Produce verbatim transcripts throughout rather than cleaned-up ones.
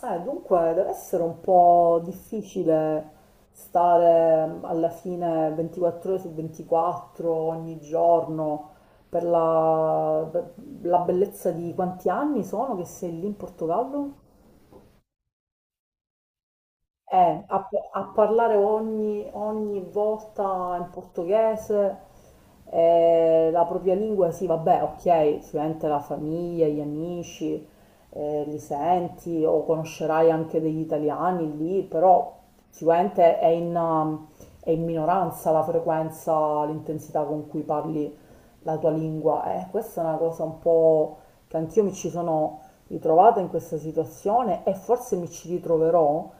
Eh, dunque, deve essere un po' difficile stare alla fine ventiquattro ore su ventiquattro ogni giorno per la, per la bellezza di quanti anni sono che sei lì in Portogallo? Eh, a, a parlare ogni, ogni volta in portoghese, eh, la propria lingua, sì, vabbè, ok, sicuramente la famiglia, gli amici, eh, li senti o conoscerai anche degli italiani lì, però sicuramente è in, um, è in minoranza la frequenza, l'intensità con cui parli la tua lingua. Eh, questa è una cosa un po' che anch'io mi ci sono ritrovata in questa situazione e forse mi ci ritroverò,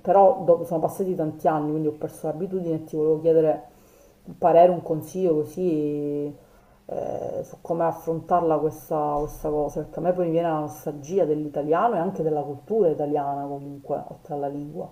però dopo- sono passati tanti anni, quindi ho perso l'abitudine e ti volevo chiedere un parere, un consiglio così eh, su come affrontarla questa, questa cosa, perché a me poi mi viene la nostalgia dell'italiano e anche della cultura italiana comunque, oltre alla lingua.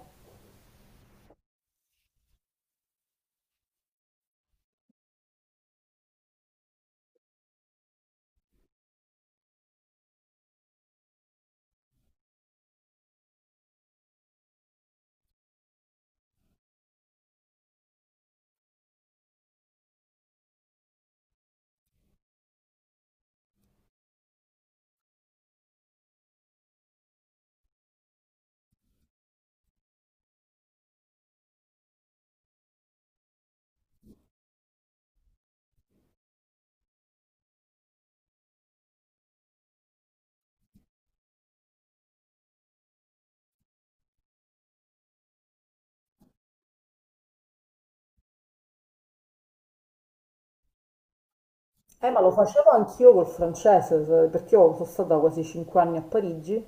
Eh, ma lo facevo anch'io col francese, se- perché io sono stata quasi cinque anni a Parigi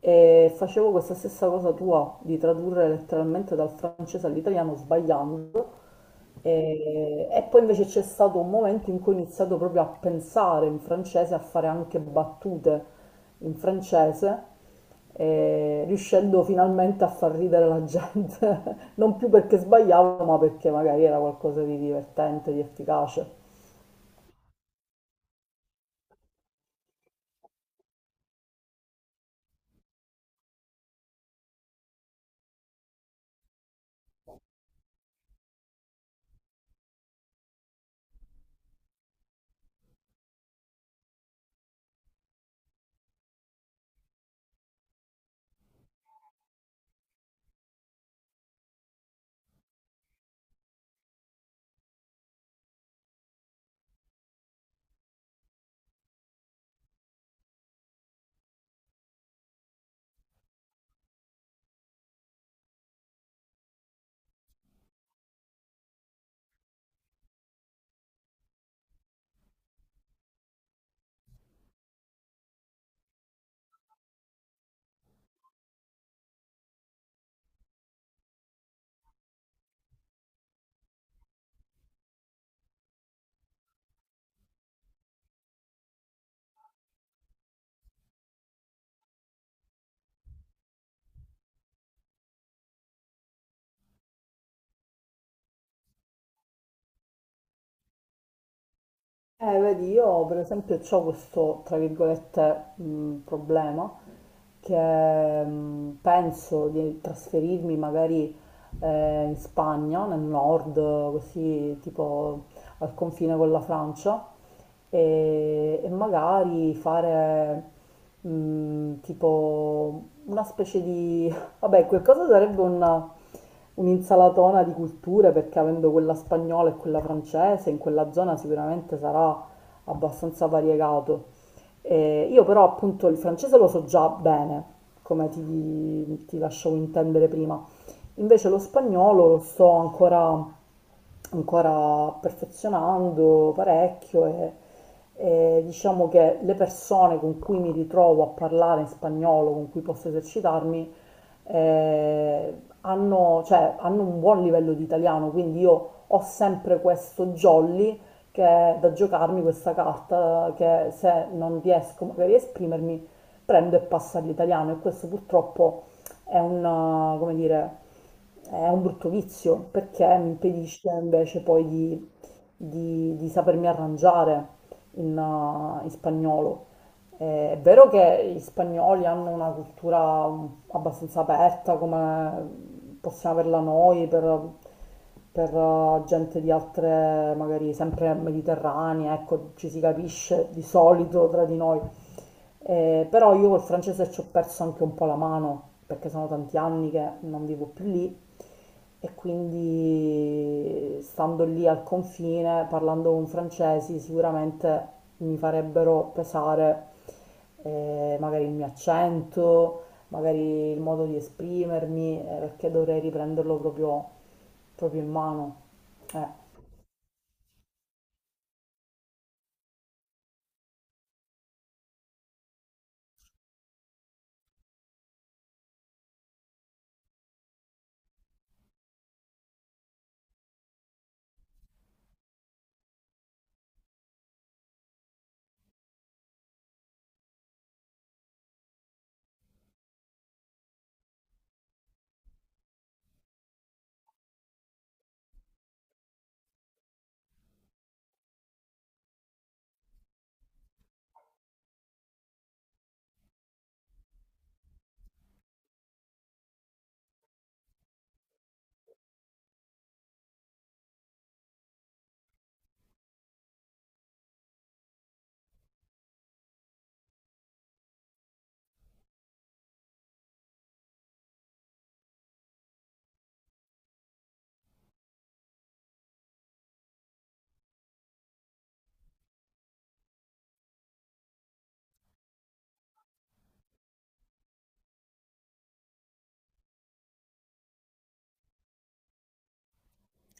e facevo questa stessa cosa tua, di tradurre letteralmente dal francese all'italiano sbagliando. E, e poi invece c'è stato un momento in cui ho iniziato proprio a pensare in francese, a fare anche battute in francese, eh, riuscendo finalmente a far ridere la gente, non più perché sbagliavo, ma perché magari era qualcosa di divertente, di efficace. Eh, vedi, io per esempio ho questo, tra virgolette, mh, problema che mh, penso di trasferirmi magari eh, in Spagna, nel nord, così tipo al confine con la Francia, e, e magari fare mh, tipo una specie di Vabbè, quel cosa sarebbe una- un'insalatona di culture perché avendo quella spagnola e quella francese, in quella zona sicuramente sarà abbastanza variegato. Eh, io però appunto il francese lo so già bene, come ti, ti lasciavo intendere prima. Invece lo spagnolo lo sto ancora, ancora perfezionando parecchio e, e diciamo che le persone con cui mi ritrovo a parlare in spagnolo, con cui posso esercitarmi, eh, hanno, cioè, hanno un buon livello di italiano, quindi io ho sempre questo jolly che è da giocarmi questa carta che se non riesco magari a esprimermi prendo e passo all'italiano e questo purtroppo è un, eh, come dire, è un brutto vizio perché mi impedisce invece poi di di, di sapermi arrangiare in, uh, in spagnolo. Eh, è vero che gli spagnoli hanno una cultura mm, abbastanza aperta, come possiamo averla noi per, per, uh, gente di altre, magari sempre mediterranee, ecco, ci si capisce di solito tra di noi. Eh, però io col francese ci ho perso anche un po' la mano, perché sono tanti anni che non vivo più lì e quindi stando lì al confine, parlando con francesi, sicuramente mi farebbero pesare eh, magari il mio accento, magari il modo di esprimermi, eh, perché dovrei riprenderlo proprio, proprio in mano. Eh.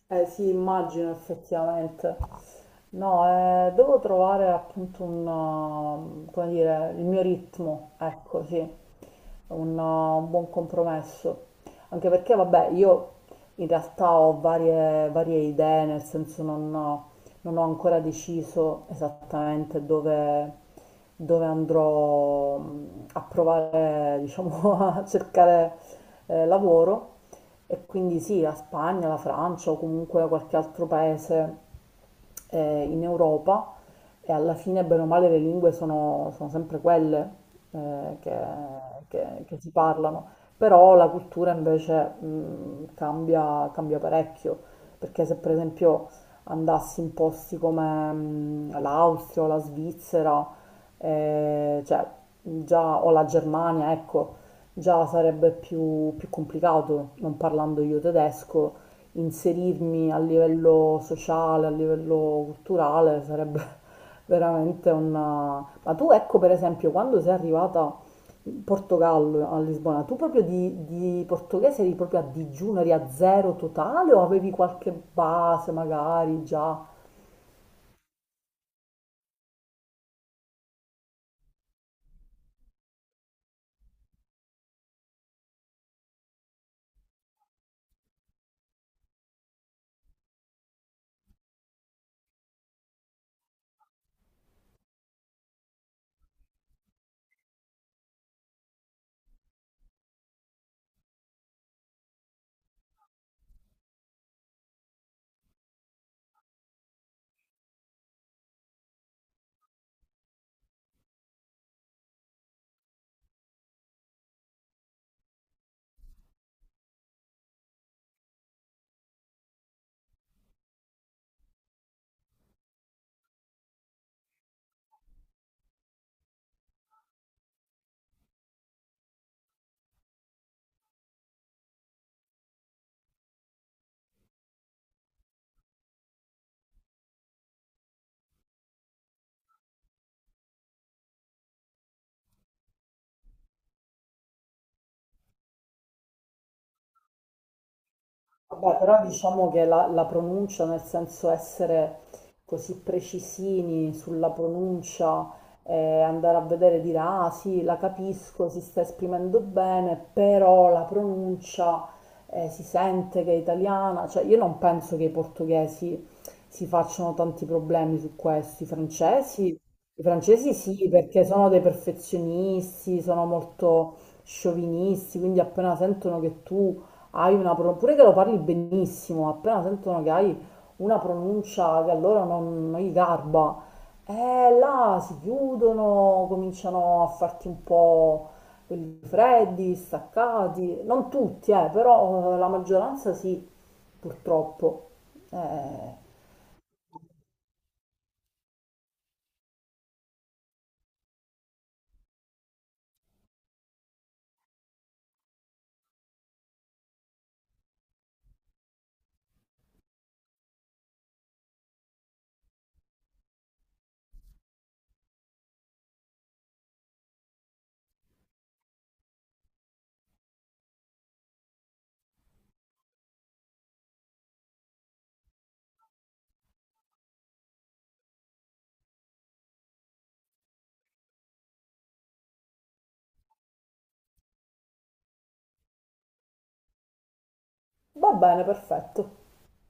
Eh sì, immagino effettivamente. No, eh, devo trovare appunto un, um, come dire, il mio ritmo, ecco, sì, un, uh, un buon compromesso. Anche perché, vabbè, io in realtà ho varie, varie idee, nel senso non ho, non ho ancora deciso esattamente dove, dove andrò mm, a provare, diciamo, a cercare eh, lavoro. E quindi sì, la Spagna, la Francia o comunque qualche altro paese eh, in Europa e alla fine, bene o male, le lingue sono, sono sempre quelle eh, che, che- che si parlano, però la cultura invece mh, cambia, cambia parecchio, perché se per esempio andassi in posti come mh, l'Austria o la Svizzera, eh, cioè già o la Germania, ecco, già sarebbe più, più complicato, non parlando io tedesco, inserirmi a livello sociale, a livello culturale, sarebbe veramente una... Ma tu ecco per esempio quando sei arrivata in Portogallo, a Lisbona, tu proprio di, di portoghese eri proprio a digiuno, eri a zero totale o avevi qualche base magari già? Vabbè, però diciamo che la, la pronuncia, nel senso essere così precisini sulla pronuncia, eh, andare a vedere e dire ah sì, la capisco, si sta esprimendo bene, però la pronuncia eh, si sente che è italiana. Cioè, io non penso che i portoghesi si facciano tanti problemi su questo. I francesi, I francesi sì, perché sono dei perfezionisti, sono molto sciovinisti, quindi appena sentono che tu hai una pro- pure che lo parli benissimo, appena sentono che hai una pronuncia che a loro non, non gli garba, eh là si chiudono, cominciano a farti un po' quelli freddi, staccati, non tutti, eh, però eh, la maggioranza sì, purtroppo. Eh, va bene, perfetto.